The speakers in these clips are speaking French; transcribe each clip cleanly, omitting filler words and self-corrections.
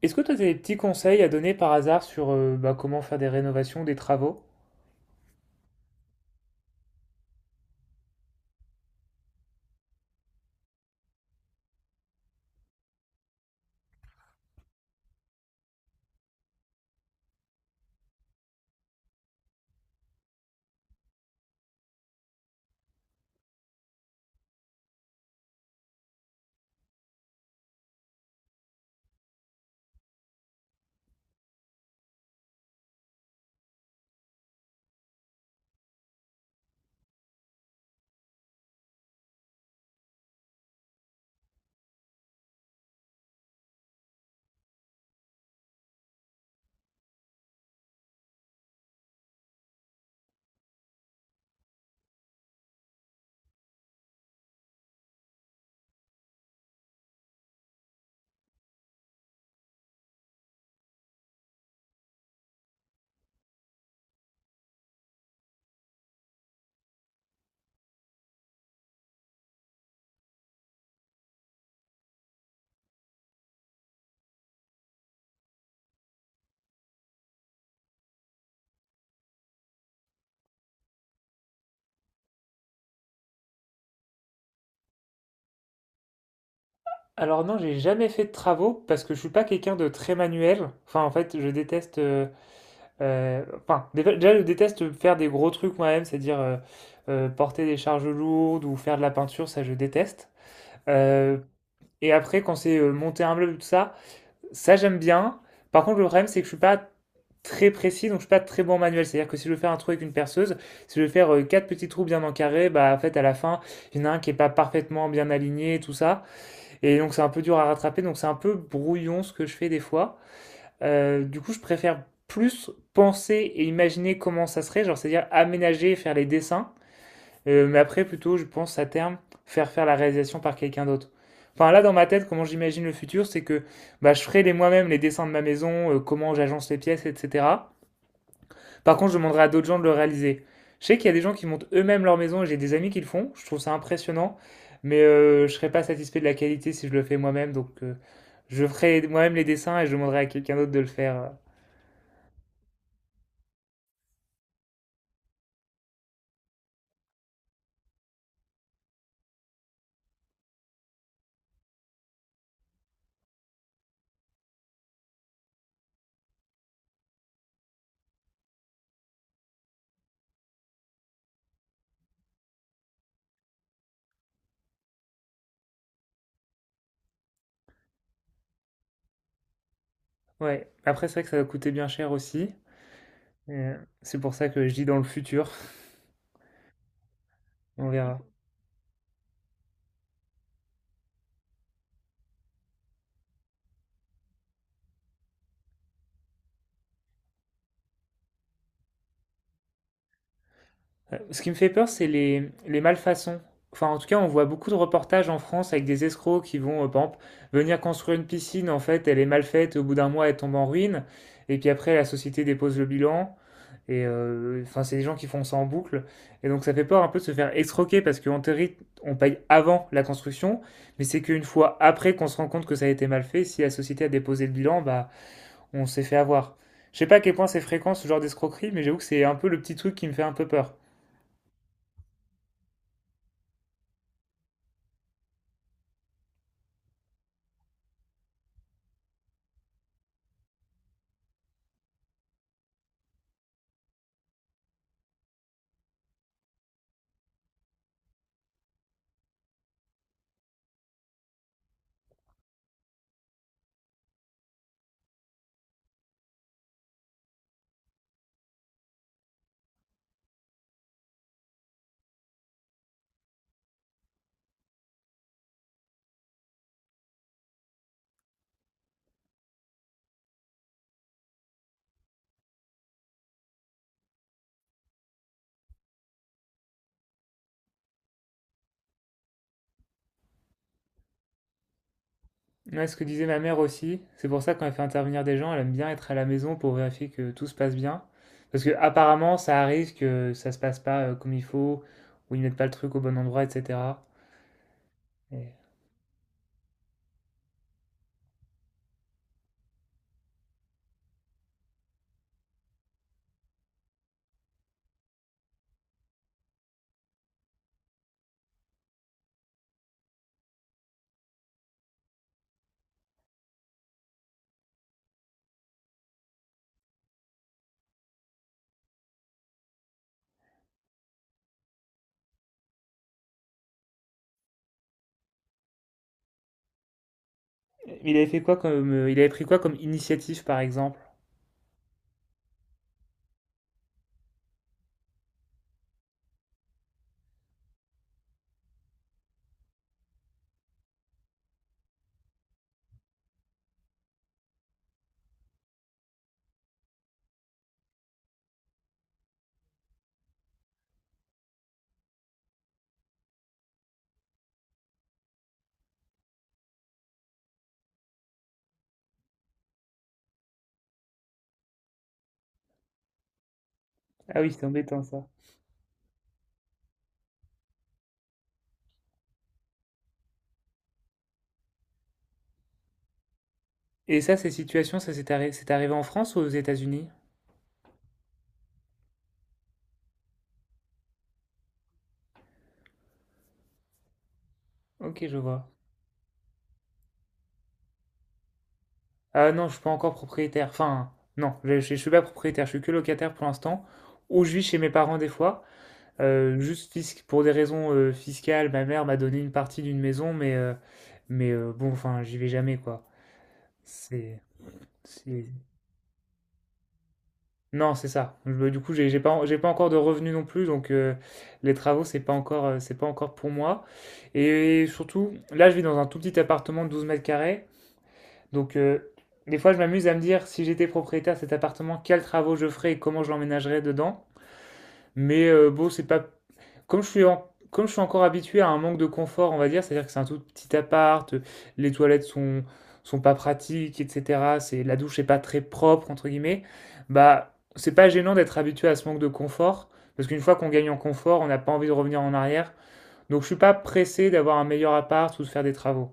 Est-ce que toi, tu as des petits conseils à donner par hasard sur bah, comment faire des rénovations, des travaux? Alors non, j'ai jamais fait de travaux parce que je suis pas quelqu'un de très manuel. Enfin, en fait, je déteste. Enfin, déjà, je déteste faire des gros trucs moi-même, c'est-à-dire porter des charges lourdes ou faire de la peinture, ça, je déteste. Euh, et après, quand c'est monter un meuble, tout ça. Ça, j'aime bien. Par contre, le problème, c'est que je suis pas très précis, donc je suis pas très bon en manuel. C'est-à-dire que si je veux faire un trou avec une perceuse, si je veux faire quatre petits trous bien encarrés, bah en fait à la fin, il y en a un qui est pas parfaitement bien aligné, et tout ça. Et donc c'est un peu dur à rattraper, donc c'est un peu brouillon ce que je fais des fois. Du coup, je préfère plus penser et imaginer comment ça serait, genre c'est-à-dire aménager, faire les dessins, mais après, plutôt, je pense à terme faire faire la réalisation par quelqu'un d'autre. Enfin, là, dans ma tête, comment j'imagine le futur, c'est que bah, je ferai les moi-même les dessins de ma maison, comment j'agence les pièces, etc. Par contre, je demanderai à d'autres gens de le réaliser. Je sais qu'il y a des gens qui montent eux-mêmes leur maison et j'ai des amis qui le font. Je trouve ça impressionnant, mais je ne serais pas satisfait de la qualité si je le fais moi-même. Donc, je ferai moi-même les dessins et je demanderai à quelqu'un d'autre de le faire. Ouais. Après, c'est vrai que ça va coûter bien cher aussi. Et, c'est pour ça que je dis dans le futur. On verra. Ce qui me fait peur, c'est les malfaçons. Enfin, en tout cas, on voit beaucoup de reportages en France avec des escrocs qui vont, par exemple, venir construire une piscine. En fait, elle est mal faite. Au bout d'un mois, elle tombe en ruine. Et puis après, la société dépose le bilan. Et enfin, c'est des gens qui font ça en boucle. Et donc, ça fait peur un peu de se faire escroquer parce qu'en théorie, on paye avant la construction. Mais c'est qu'une fois après qu'on se rend compte que ça a été mal fait, si la société a déposé le bilan, bah, on s'est fait avoir. Je sais pas à quel point c'est fréquent ce genre d'escroquerie, mais j'avoue que c'est un peu le petit truc qui me fait un peu peur. Ouais, ce que disait ma mère aussi, c'est pour ça que quand elle fait intervenir des gens, elle aime bien être à la maison pour vérifier que tout se passe bien. Parce que apparemment, ça arrive que ça se passe pas comme il faut, ou ils mettent pas le truc au bon endroit, etc. Et- Il avait fait quoi il avait pris quoi comme initiative, par exemple? Ah oui, c'est embêtant ça. Et ça, ces situations, ça c'est arrivé en France ou aux États-Unis? Ok, je vois. Ah non, je suis pas encore propriétaire. Enfin, non, je suis pas propriétaire, je suis que locataire pour l'instant. Ou je vis chez mes parents des fois. Juste pour des raisons fiscales, ma mère m'a donné une partie d'une maison, mais bon, enfin, j'y vais jamais, quoi. C'est, c'est- Non, c'est ça. Du coup, j'ai pas, j'ai pas encore de revenus non plus, donc les travaux, c'est pas encore pour moi. Et surtout, là, je vis dans un tout petit appartement de 12 m², donc des fois, je m'amuse à me dire, si j'étais propriétaire de cet appartement, quels travaux je ferais et comment je l'emménagerais dedans. Mais bon, c'est pas. Comme je suis encore habitué à un manque de confort, on va dire, c'est-à-dire que c'est un tout petit appart, les toilettes sont, sont pas pratiques, etc. C'est, la douche n'est pas très propre, entre guillemets, bah, c'est pas gênant d'être habitué à ce manque de confort, parce qu'une fois qu'on gagne en confort, on n'a pas envie de revenir en arrière. Donc je suis pas pressé d'avoir un meilleur appart ou de faire des travaux.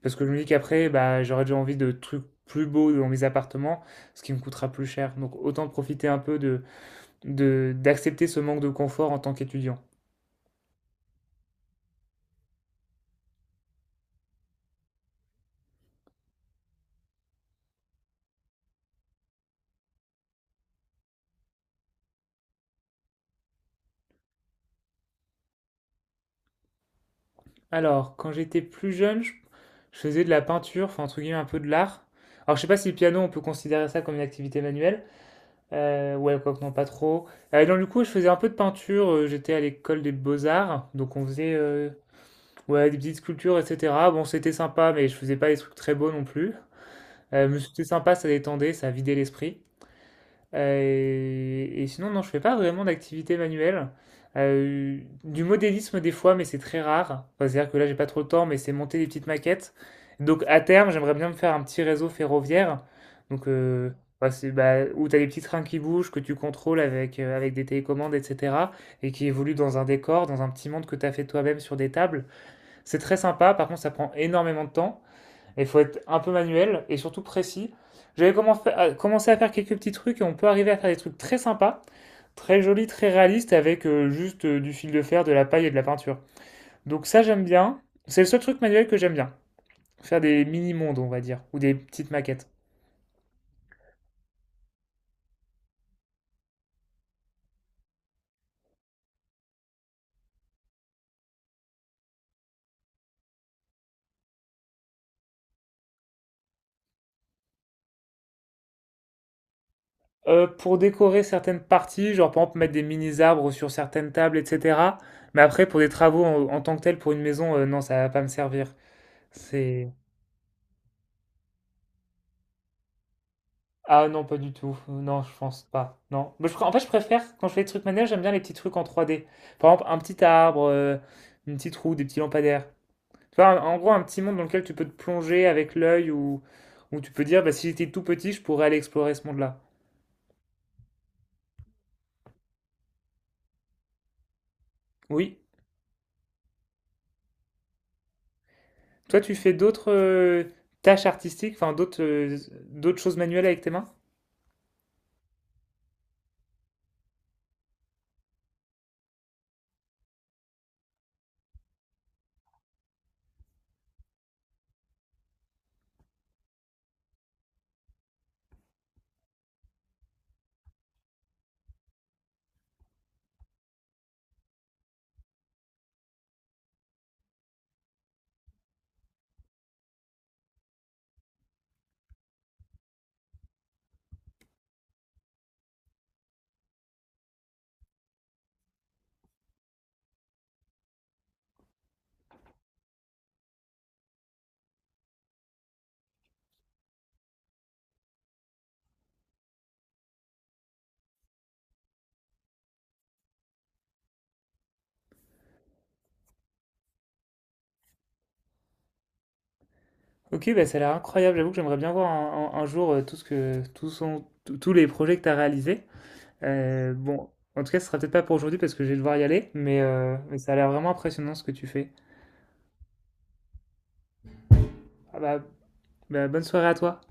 Parce que je me dis qu'après, bah, j'aurais déjà envie de trucs plus beaux dans mes appartements, ce qui me coûtera plus cher. Donc autant profiter un peu de, d'accepter ce manque de confort en tant qu'étudiant. Alors, quand j'étais plus jeune, je faisais de la peinture, enfin entre guillemets un peu de l'art. Alors je sais pas si le piano on peut considérer ça comme une activité manuelle. Ouais, quoi que non, pas trop. Donc du coup, je faisais un peu de peinture. J'étais à l'école des beaux-arts, donc on faisait ouais des petites sculptures, etc. Bon, c'était sympa, mais je faisais pas des trucs très beaux non plus. Mais c'était sympa, ça détendait, ça vidait l'esprit. Et sinon, non, je fais pas vraiment d'activité manuelle. Euh, du modélisme des fois, mais c'est très rare. Enfin, c'est-à-dire que là, j'ai pas trop le temps, mais c'est monter des petites maquettes. Donc à terme, j'aimerais bien me faire un petit réseau ferroviaire. Donc bah, bah, où tu as des petits trains qui bougent, que tu contrôles avec, avec des télécommandes, etc. Et qui évoluent dans un décor, dans un petit monde que tu as fait toi-même sur des tables. C'est très sympa, par contre ça prend énormément de temps. Il faut être un peu manuel et surtout précis. J'avais commencé à faire quelques petits trucs et on peut arriver à faire des trucs très sympas, très jolis, très réalistes avec juste du fil de fer, de la paille et de la peinture. Donc ça j'aime bien. C'est le seul truc manuel que j'aime bien. Faire des mini-mondes, on va dire, ou des petites maquettes. Pour décorer certaines parties, genre par exemple mettre des mini-arbres sur certaines tables, etc. Mais après, pour des travaux en, en tant que tels, pour une maison, non, ça va pas me servir. C'est Ah non, pas du tout. Non, je pense pas. Non. Mais en fait, je préfère, quand je fais des trucs manuels, j'aime bien les petits trucs en 3D. Par exemple, un petit arbre, une petite roue, des petits lampadaires. Tu vois, en gros, un petit monde dans lequel tu peux te plonger avec l'œil ou tu peux dire, bah, si j'étais tout petit, je pourrais aller explorer ce monde-là. Oui. Toi, tu fais d'autres tâches artistiques, enfin d'autres choses manuelles avec tes mains? Ok, bah, ça a l'air incroyable. J'avoue que j'aimerais bien voir un jour tout ce que, tout son- tous les projets que tu as réalisés. Bon, en tout cas, ce sera peut-être pas pour aujourd'hui parce que je vais devoir y aller, mais ça a l'air vraiment impressionnant ce que tu fais. Ah bah, bonne soirée à toi.